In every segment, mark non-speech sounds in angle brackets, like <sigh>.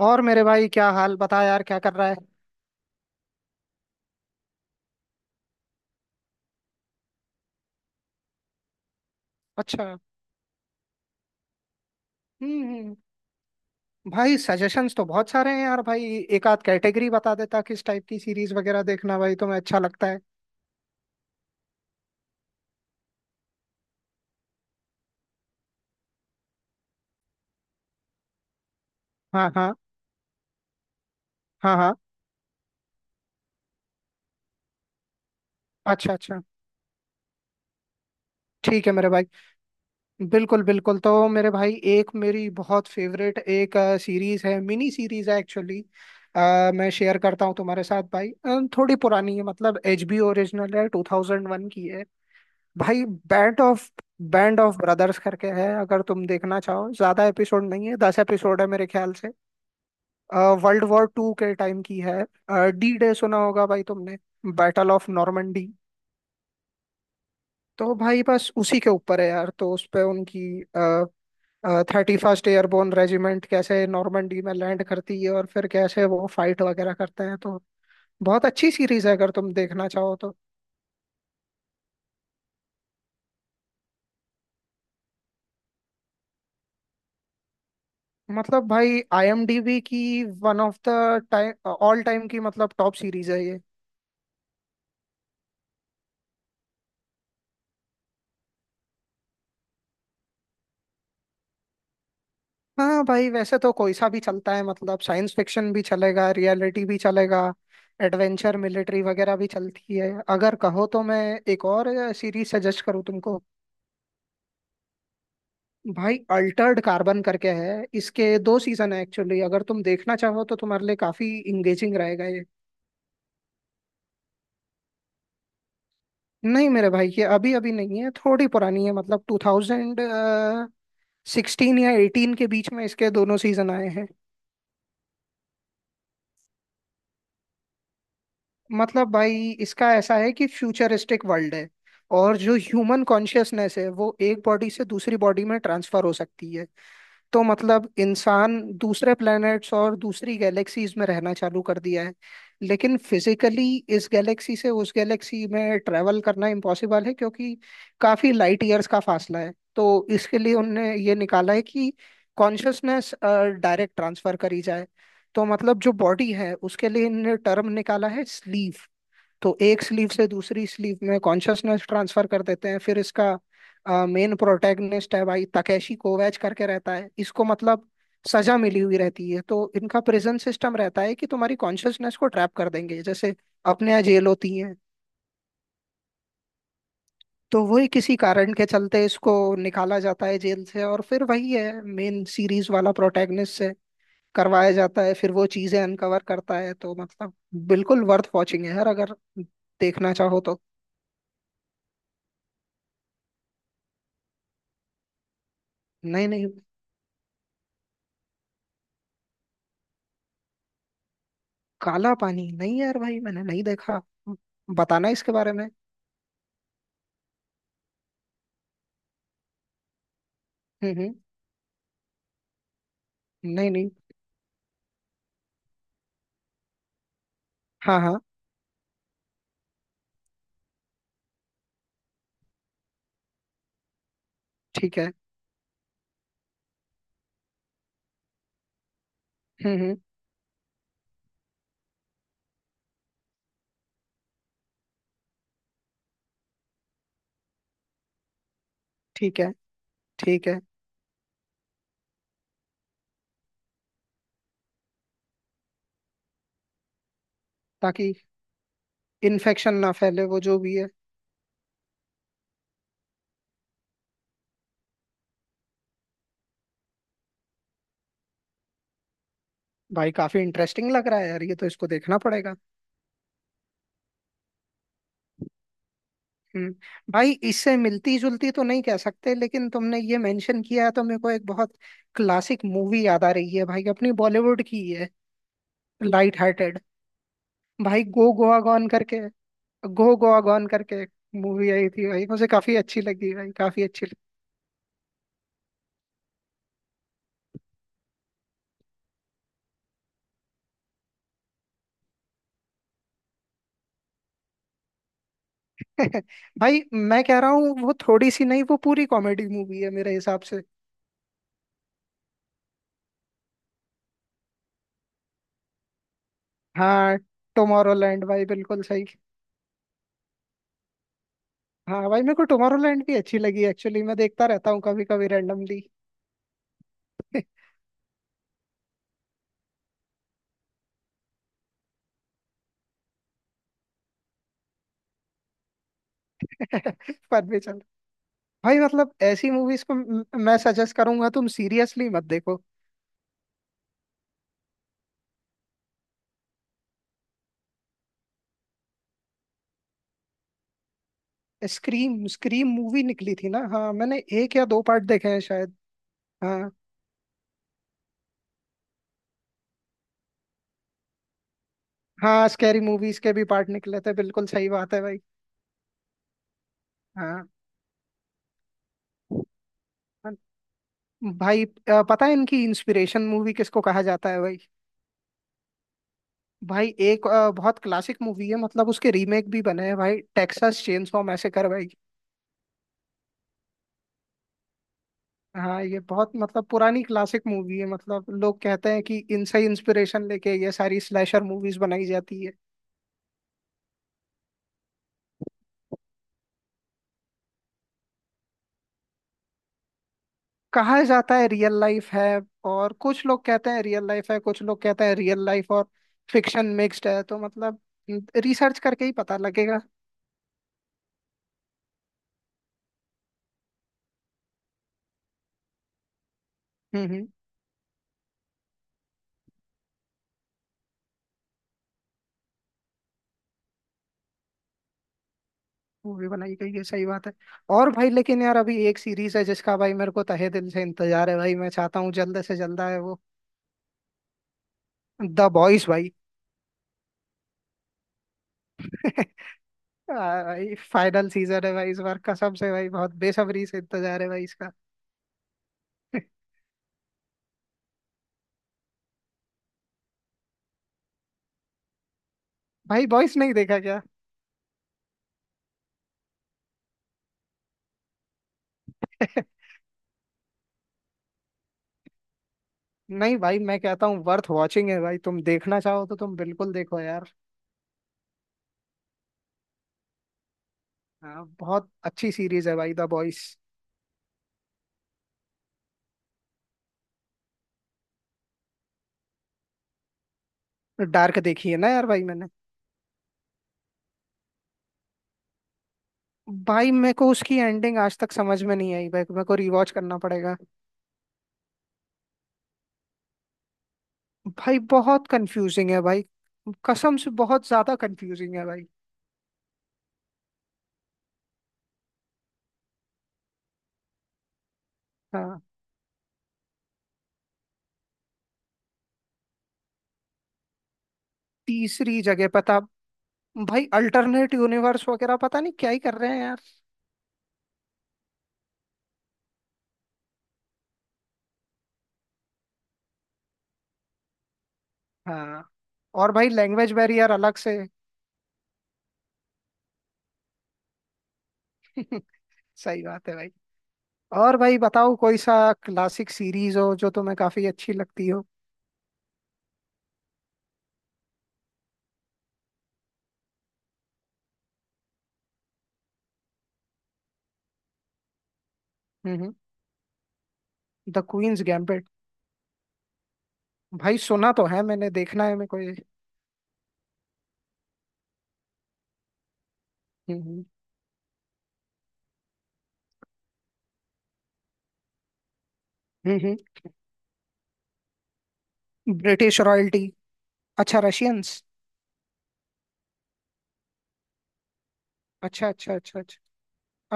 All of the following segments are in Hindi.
और मेरे भाई, क्या हाल बता यार? क्या कर रहा है? अच्छा। हम्म। भाई, सजेशंस तो बहुत सारे हैं यार भाई। एक आध कैटेगरी बता देता किस टाइप की सीरीज वगैरह देखना भाई तुम्हें अच्छा लगता है। हाँ हाँ। हाँ हाँ। अच्छा अच्छा। ठीक है मेरे भाई। बिल्कुल बिल्कुल। तो मेरे भाई, एक मेरी बहुत फेवरेट एक सीरीज है, मिनी सीरीज है एक्चुअली। मैं शेयर करता हूँ तुम्हारे साथ भाई। थोड़ी पुरानी है, मतलब एचबीओ ओरिजिनल है, 2001 की है। भाई बैंड ऑफ ब्रदर्स करके है। अगर तुम देखना चाहो, ज्यादा एपिसोड नहीं है, 10 एपिसोड है मेरे ख्याल से। वर्ल्ड वॉर 2 के टाइम की है। D Day सुना होगा भाई तुमने, बैटल ऑफ नॉर्मंडी। तो भाई बस उसी के ऊपर है यार। तो उस पे उनकी 31वीं एयरबोर्न रेजिमेंट कैसे नॉर्मंडी में लैंड करती है और फिर कैसे वो फाइट वगैरह करते हैं, तो बहुत अच्छी सीरीज है अगर तुम देखना चाहो तो। मतलब भाई IMDb की one of the time, all time की, मतलब टॉप सीरीज है ये। हाँ भाई वैसे तो कोई सा भी चलता है, मतलब साइंस फिक्शन भी चलेगा, रियलिटी भी चलेगा, एडवेंचर मिलिट्री वगैरह भी चलती है। अगर कहो तो मैं एक और सीरीज सजेस्ट करूँ तुमको? भाई अल्टर्ड कार्बन करके है, इसके दो सीजन है एक्चुअली। अगर तुम देखना चाहो तो तुम्हारे लिए काफी इंगेजिंग रहेगा ये। नहीं मेरे भाई, ये अभी अभी नहीं है, थोड़ी पुरानी है, मतलब 2016 या 18 के बीच में इसके दोनों सीजन आए हैं। मतलब भाई इसका ऐसा है कि फ्यूचरिस्टिक वर्ल्ड है, और जो ह्यूमन कॉन्शियसनेस है वो एक बॉडी से दूसरी बॉडी में ट्रांसफर हो सकती है। तो मतलब इंसान दूसरे प्लैनेट्स और दूसरी गैलेक्सीज में रहना चालू कर दिया है, लेकिन फिजिकली इस गैलेक्सी से उस गैलेक्सी में ट्रैवल करना इम्पॉसिबल है क्योंकि काफी लाइट ईयर्स का फासला है। तो इसके लिए उनने ये निकाला है कि कॉन्शसनेस डायरेक्ट ट्रांसफर करी जाए। तो मतलब जो बॉडी है उसके लिए इनने टर्म निकाला है, स्लीव। तो एक स्लीव से दूसरी स्लीव में कॉन्शसनेस ट्रांसफर कर देते हैं। फिर इसका मेन प्रोटैगनिस्ट है भाई तकेशी कोवैच करके। रहता है इसको, मतलब सजा मिली हुई रहती है, तो इनका प्रिजन सिस्टम रहता है कि तुम्हारी कॉन्शसनेस को ट्रैप कर देंगे, जैसे अपने यहाँ जेल होती है। तो वही, किसी कारण के चलते इसको निकाला जाता है जेल से, और फिर वही है मेन सीरीज वाला, प्रोटैगनिस्ट से करवाया जाता है, फिर वो चीजें अनकवर करता है। तो मतलब बिल्कुल वर्थ वॉचिंग है यार, अगर देखना चाहो तो। नहीं नहीं। काला पानी नहीं यार भाई, मैंने नहीं देखा। बताना इसके बारे में। हम्म। नहीं नहीं। हाँ हाँ। ठीक है। हम्म। ठीक है। ठीक है। ताकि इन्फेक्शन ना फैले, वो जो भी है। भाई काफी इंटरेस्टिंग लग रहा है यार ये तो, इसको देखना पड़ेगा। हम्म। भाई इससे मिलती जुलती तो नहीं कह सकते, लेकिन तुमने ये मेंशन किया है तो मेरे को एक बहुत क्लासिक मूवी याद आ रही है भाई, अपनी बॉलीवुड की ही है, लाइट हार्टेड। भाई गो गोआ गॉन करके मूवी आई थी भाई, मुझे काफी अच्छी लगी भाई, काफी अच्छी लगी। <laughs> भाई मैं कह रहा हूँ, वो थोड़ी सी नहीं, वो पूरी कॉमेडी मूवी है मेरे हिसाब से। हाँ। टुमारोलैंड भाई, बिल्कुल सही। हाँ भाई मेरे को टुमारोलैंड भी अच्छी लगी एक्चुअली, मैं देखता रहता हूँ कभी कभी रैंडमली। <laughs> पर भी चल। भाई मतलब ऐसी मूवीज को मैं सजेस्ट करूंगा तुम सीरियसली मत देखो। स्क्रीम स्क्रीम मूवी निकली थी ना। हाँ मैंने एक या दो पार्ट देखे हैं शायद। हाँ। हाँ, स्कैरी मूवीज के भी पार्ट निकले थे, बिल्कुल सही बात है भाई। हाँ भाई, पता है इनकी इंस्पिरेशन मूवी किसको कहा जाता है भाई? भाई एक बहुत क्लासिक मूवी है, मतलब उसके रीमेक भी बने हैं भाई, टेक्सास चेनसॉ मैसेकर भाई। हाँ ये बहुत, मतलब पुरानी क्लासिक मूवी है, मतलब लोग कहते हैं कि इनसे इंस्पिरेशन लेके ये सारी स्लैशर मूवीज बनाई जाती है। कहा जाता है रियल लाइफ है। और कुछ लोग कहते हैं रियल लाइफ है, कुछ लोग कहते हैं रियल लाइफ और फिक्शन मिक्स्ड है। तो मतलब रिसर्च करके ही पता लगेगा। हम्म। वो भी बनाई गई है, सही बात है। और भाई, लेकिन यार अभी एक सीरीज है जिसका भाई मेरे को तहे दिल से इंतजार है, भाई मैं चाहता हूँ जल्द से जल्द आए वो। द बॉयज भाई। <laughs> भाई फाइनल सीजन है भाई इस बार, कसम से भाई, बहुत बेसब्री से इंतजार है भाई इसका। <laughs> भाई बॉयज नहीं देखा क्या? <laughs> नहीं भाई मैं कहता हूँ वर्थ वॉचिंग है भाई, तुम देखना चाहो तो तुम बिल्कुल देखो यार। हाँ, बहुत अच्छी सीरीज है भाई द बॉयज। डार्क देखी है ना यार भाई मैंने। भाई मेरे को उसकी एंडिंग आज तक समझ में नहीं आई भाई, मेरे को रिवॉच करना पड़ेगा। भाई बहुत कंफ्यूजिंग है भाई, कसम से बहुत ज्यादा कंफ्यूजिंग है भाई। हाँ। तीसरी जगह पता। भाई अल्टरनेट यूनिवर्स वगैरह पता नहीं क्या ही कर रहे हैं यार। हाँ। और भाई लैंग्वेज बैरियर अलग से। <laughs> सही बात है भाई। और भाई बताओ, कोई सा क्लासिक सीरीज हो जो तुम्हें काफी अच्छी लगती हो? हम्म। The Queen's Gambit? भाई सुना तो है मैंने, देखना है मैं कोई। हम्म हम्म। British royalty? अच्छा, रशियंस। अच्छा अच्छा अच्छा अच्छा।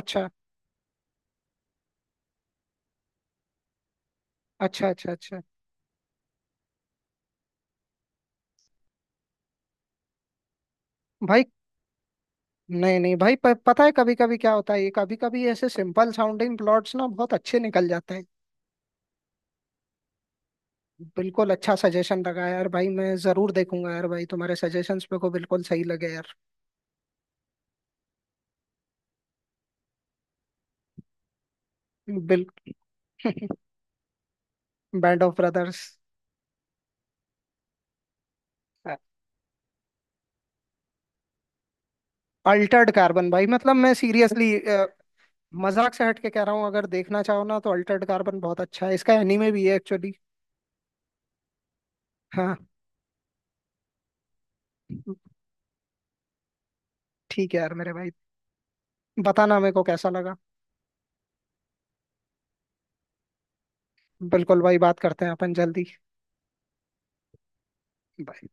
अच्छा अच्छा अच्छा अच्छा। भाई नहीं नहीं भाई, पता है कभी कभी क्या होता है ये, कभी कभी ऐसे सिंपल साउंडिंग प्लॉट्स ना बहुत अच्छे निकल जाते हैं। बिल्कुल। अच्छा सजेशन लगा यार भाई, मैं जरूर देखूंगा यार भाई, तुम्हारे सजेशंस मेरे को बिल्कुल सही लगे यार। बिल्कुल। <laughs> Band of Brothers. Altered Carbon भाई, मतलब मैं सीरियसली मजाक से हट के कह रहा हूँ, अगर देखना चाहो ना तो अल्टर्ड कार्बन बहुत अच्छा है, इसका एनीमे भी है एक्चुअली। हाँ। ठीक है यार मेरे भाई। बताना मेरे को कैसा लगा। बिल्कुल भाई, बात करते हैं अपन जल्दी। Bye.